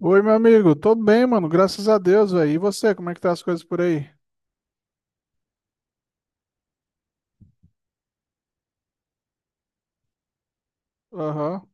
Oi, meu amigo. Tô bem, mano. Graças a Deus, velho. E você, como é que tá as coisas por aí? Aham.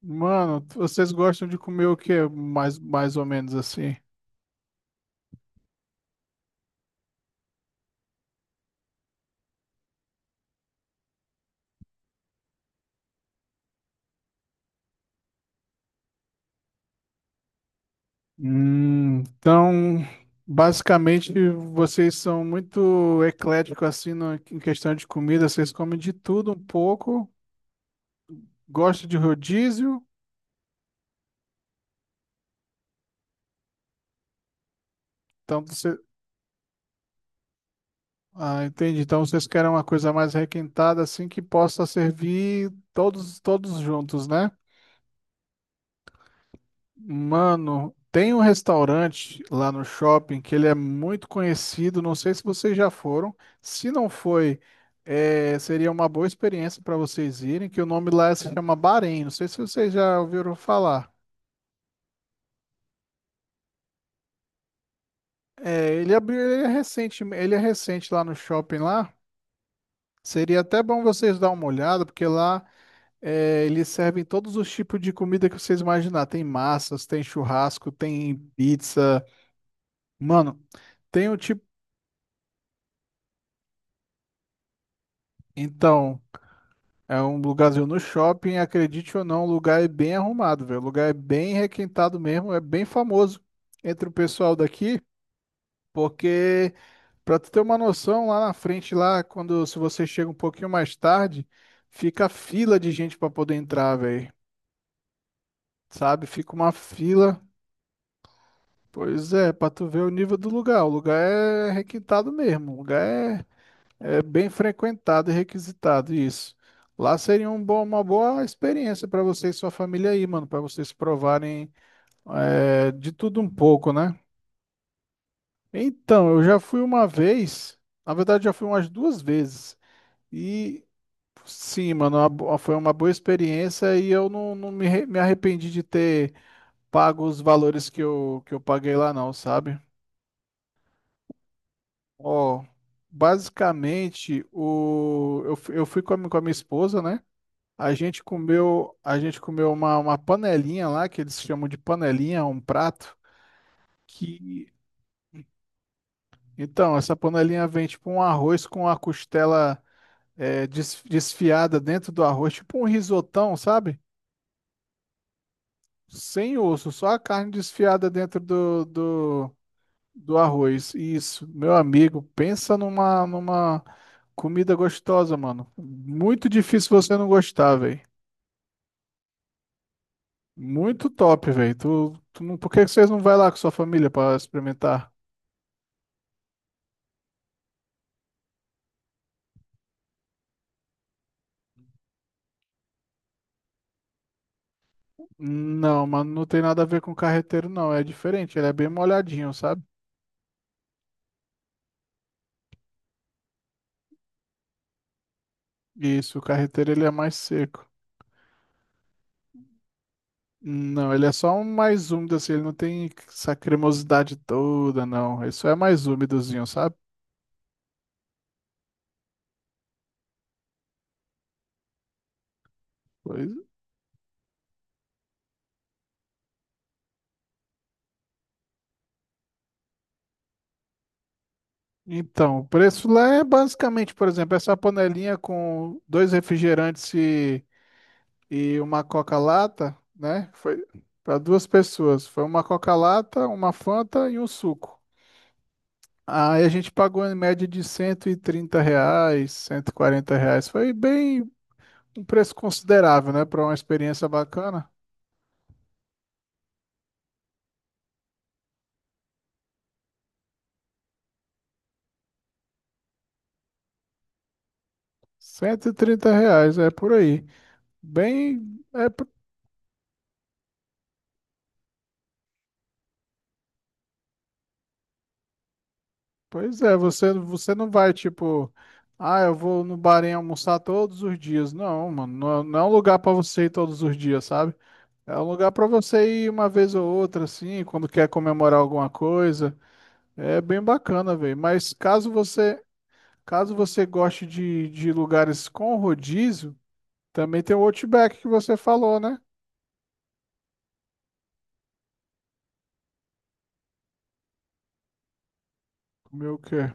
Mano, vocês gostam de comer o quê? Mais ou menos assim. Então, basicamente, vocês são muito ecléticos assim em questão de comida. Vocês comem de tudo um pouco. Gostam de rodízio. Então, você... Ah, entendi. Então, vocês querem uma coisa mais requintada assim que possa servir todos juntos, né? Mano, tem um restaurante lá no shopping que ele é muito conhecido. Não sei se vocês já foram. Se não foi, seria uma boa experiência para vocês irem, que o nome lá se chama Bahrein. Não sei se vocês já ouviram falar. É, ele abriu, ele é recente lá no shopping lá. Seria até bom vocês dar uma olhada, porque lá eles servem todos os tipos de comida que vocês imaginar. Tem massas, tem churrasco, tem pizza. Mano, tem o tipo. Então. É um lugarzinho no shopping, acredite ou não, o lugar é bem arrumado, velho. O lugar é bem requintado mesmo, é bem famoso entre o pessoal daqui, porque pra tu ter uma noção, lá na frente lá, quando se você chega um pouquinho mais tarde, fica fila de gente pra poder entrar, velho. Sabe? Fica uma fila. Pois é, pra tu ver o nível do lugar. O lugar é requintado mesmo. O lugar é é bem frequentado e requisitado isso. Lá seria um uma boa experiência para você e sua família aí, mano, para vocês provarem de tudo um pouco, né? Então, eu já fui uma vez, na verdade, já fui umas duas vezes. E sim, mano, foi uma boa experiência e eu não, não me, arre- me arrependi de ter pago os valores que que eu paguei lá, não, sabe? Ó, basicamente, eu fui com a, com a minha esposa, né? A gente comeu uma panelinha lá, que eles chamam de panelinha, um prato, que... Então, essa panelinha vem tipo um arroz com a costela desfiada dentro do arroz, tipo um risotão, sabe? Sem osso, só a carne desfiada dentro do arroz. Isso, meu amigo, pensa numa, numa comida gostosa, mano. Muito difícil você não gostar, velho. Muito top, velho. Tu, tu não- por que que vocês não vai lá com sua família pra experimentar? Não, mano, não tem nada a ver com carreteiro, não. É diferente, ele é bem molhadinho, sabe? Isso, o carreteiro ele é mais seco. Não, ele é só um mais úmido, assim, ele não tem essa cremosidade toda, não. Isso é mais úmidozinho, sabe? Pois- Então, o preço lá é basicamente, por exemplo, essa panelinha com dois refrigerantes e uma Coca-Lata, né? Foi para duas pessoas. Foi uma Coca-Lata, uma Fanta e um suco. Aí a gente pagou em média de R$ 130, R$ 140. Foi bem um preço considerável, né? Para uma experiência bacana. R$ 130, é por aí. Bem, é, p- pois é, você, você não vai tipo, ah, eu vou no bar em almoçar todos os dias. Não, mano, não é um lugar para você ir todos os dias, sabe? É um lugar para você ir uma vez ou outra, assim, quando quer comemorar alguma coisa. É bem bacana, velho. Mas caso você goste de lugares com rodízio, também tem o Outback que você falou, né? Comeu o quê?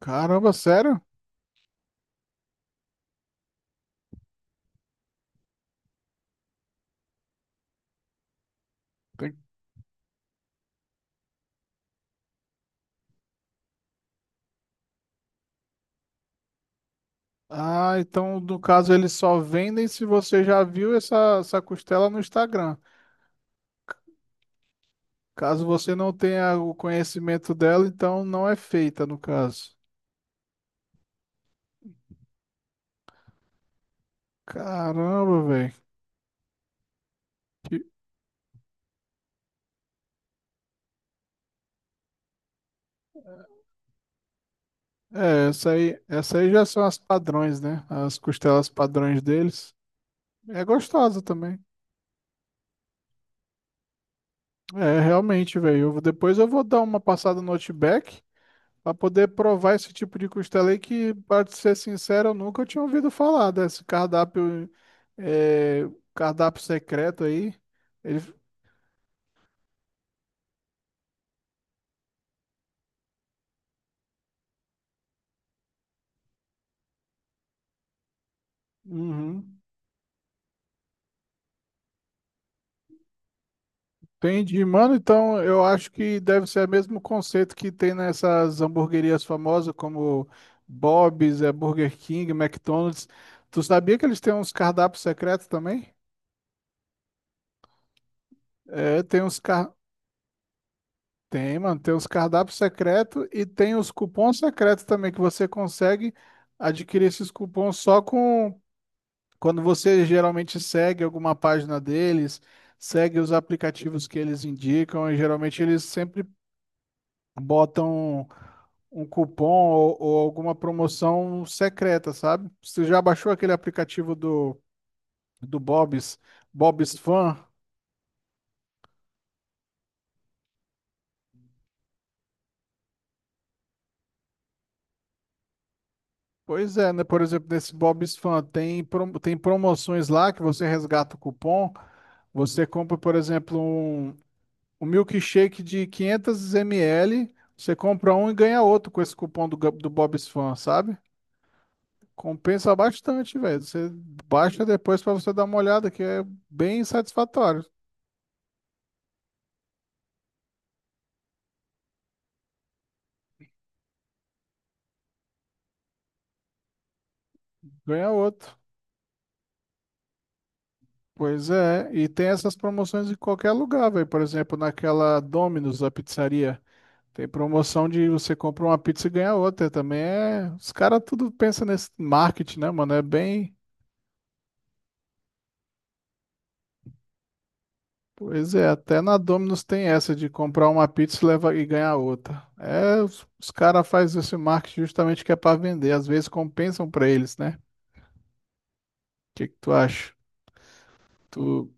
Caramba, sério? Tem- Ah, então no caso eles só vendem se você já viu essa, essa costela no Instagram. Caso você não tenha o conhecimento dela, então não é feita, no caso. Caramba, velho. É, essa aí já são as padrões, né? As costelas padrões deles. É gostosa também. É, realmente, velho. Depois eu vou dar uma passada no Outback pra poder provar esse tipo de costela aí que, pra te ser sincero, eu nunca tinha ouvido falar desse cardápio, é, cardápio secreto aí. Ele, uhum. Entendi, mano. Então, eu acho que deve ser o mesmo conceito que tem nessas hamburguerias famosas como Bob's, Burger King, McDonald's. Tu sabia que eles têm uns cardápios secretos também? É, tem uns car... Tem, mano, tem uns cardápios secretos e tem os cupons secretos também que você consegue adquirir esses cupons só com quando você geralmente segue alguma página deles, segue os aplicativos que eles indicam e geralmente eles sempre botam um cupom ou alguma promoção secreta, sabe? Você já baixou aquele aplicativo do Bob's, Bob's Fan? Pois é, né? Por exemplo, nesse Bob's Fan tem, tem promoções lá que você resgata o cupom. Você compra, por exemplo, um milkshake de 500 ml. Você compra um e ganha outro com esse cupom do Bob's Fan, sabe? Compensa bastante, velho. Você baixa depois pra você dar uma olhada, que é bem satisfatório. Ganha outro. Pois é, e tem essas promoções em qualquer lugar, velho. Por exemplo, naquela Domino's, a pizzaria. Tem promoção de você compra uma pizza e ganha outra. Também é. Os caras tudo pensam nesse marketing, né, mano? É bem. Pois é, até na Domino's tem essa de comprar uma pizza e leva e ganhar outra. É, os caras fazem esse marketing justamente que é pra vender. Às vezes compensam pra eles, né? O que que tu acha? Tu...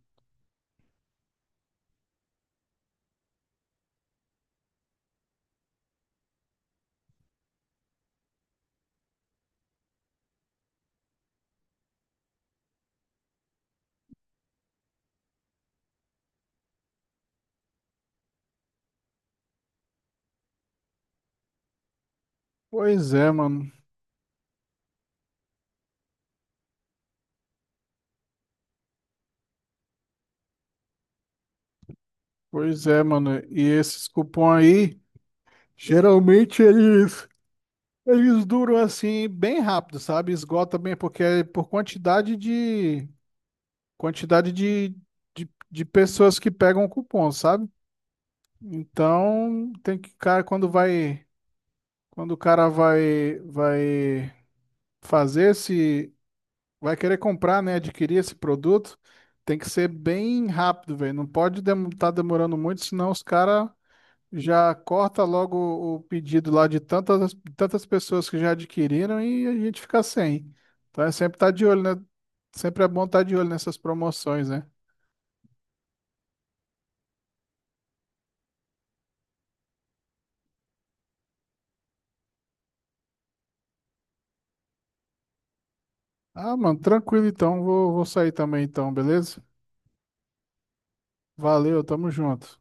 Pois é, mano. Pois é, mano. E esses cupom aí. Geralmente eles duram assim bem rápido, sabe? Esgota bem, porque é por quantidade quantidade de, de pessoas que pegam o cupom, sabe? Então tem que, cara, quando o cara vai, vai fazer esse, vai querer comprar, né? Adquirir esse produto, tem que ser bem rápido, velho. Não pode estar demorando muito, senão os caras já corta logo o pedido lá de tantas, tantas pessoas que já adquiriram e a gente fica sem. Então é sempre estar de olho, né? Sempre é bom estar de olho nessas promoções, né? Ah, mano, tranquilo então. Vou sair também então, beleza? Valeu, tamo junto.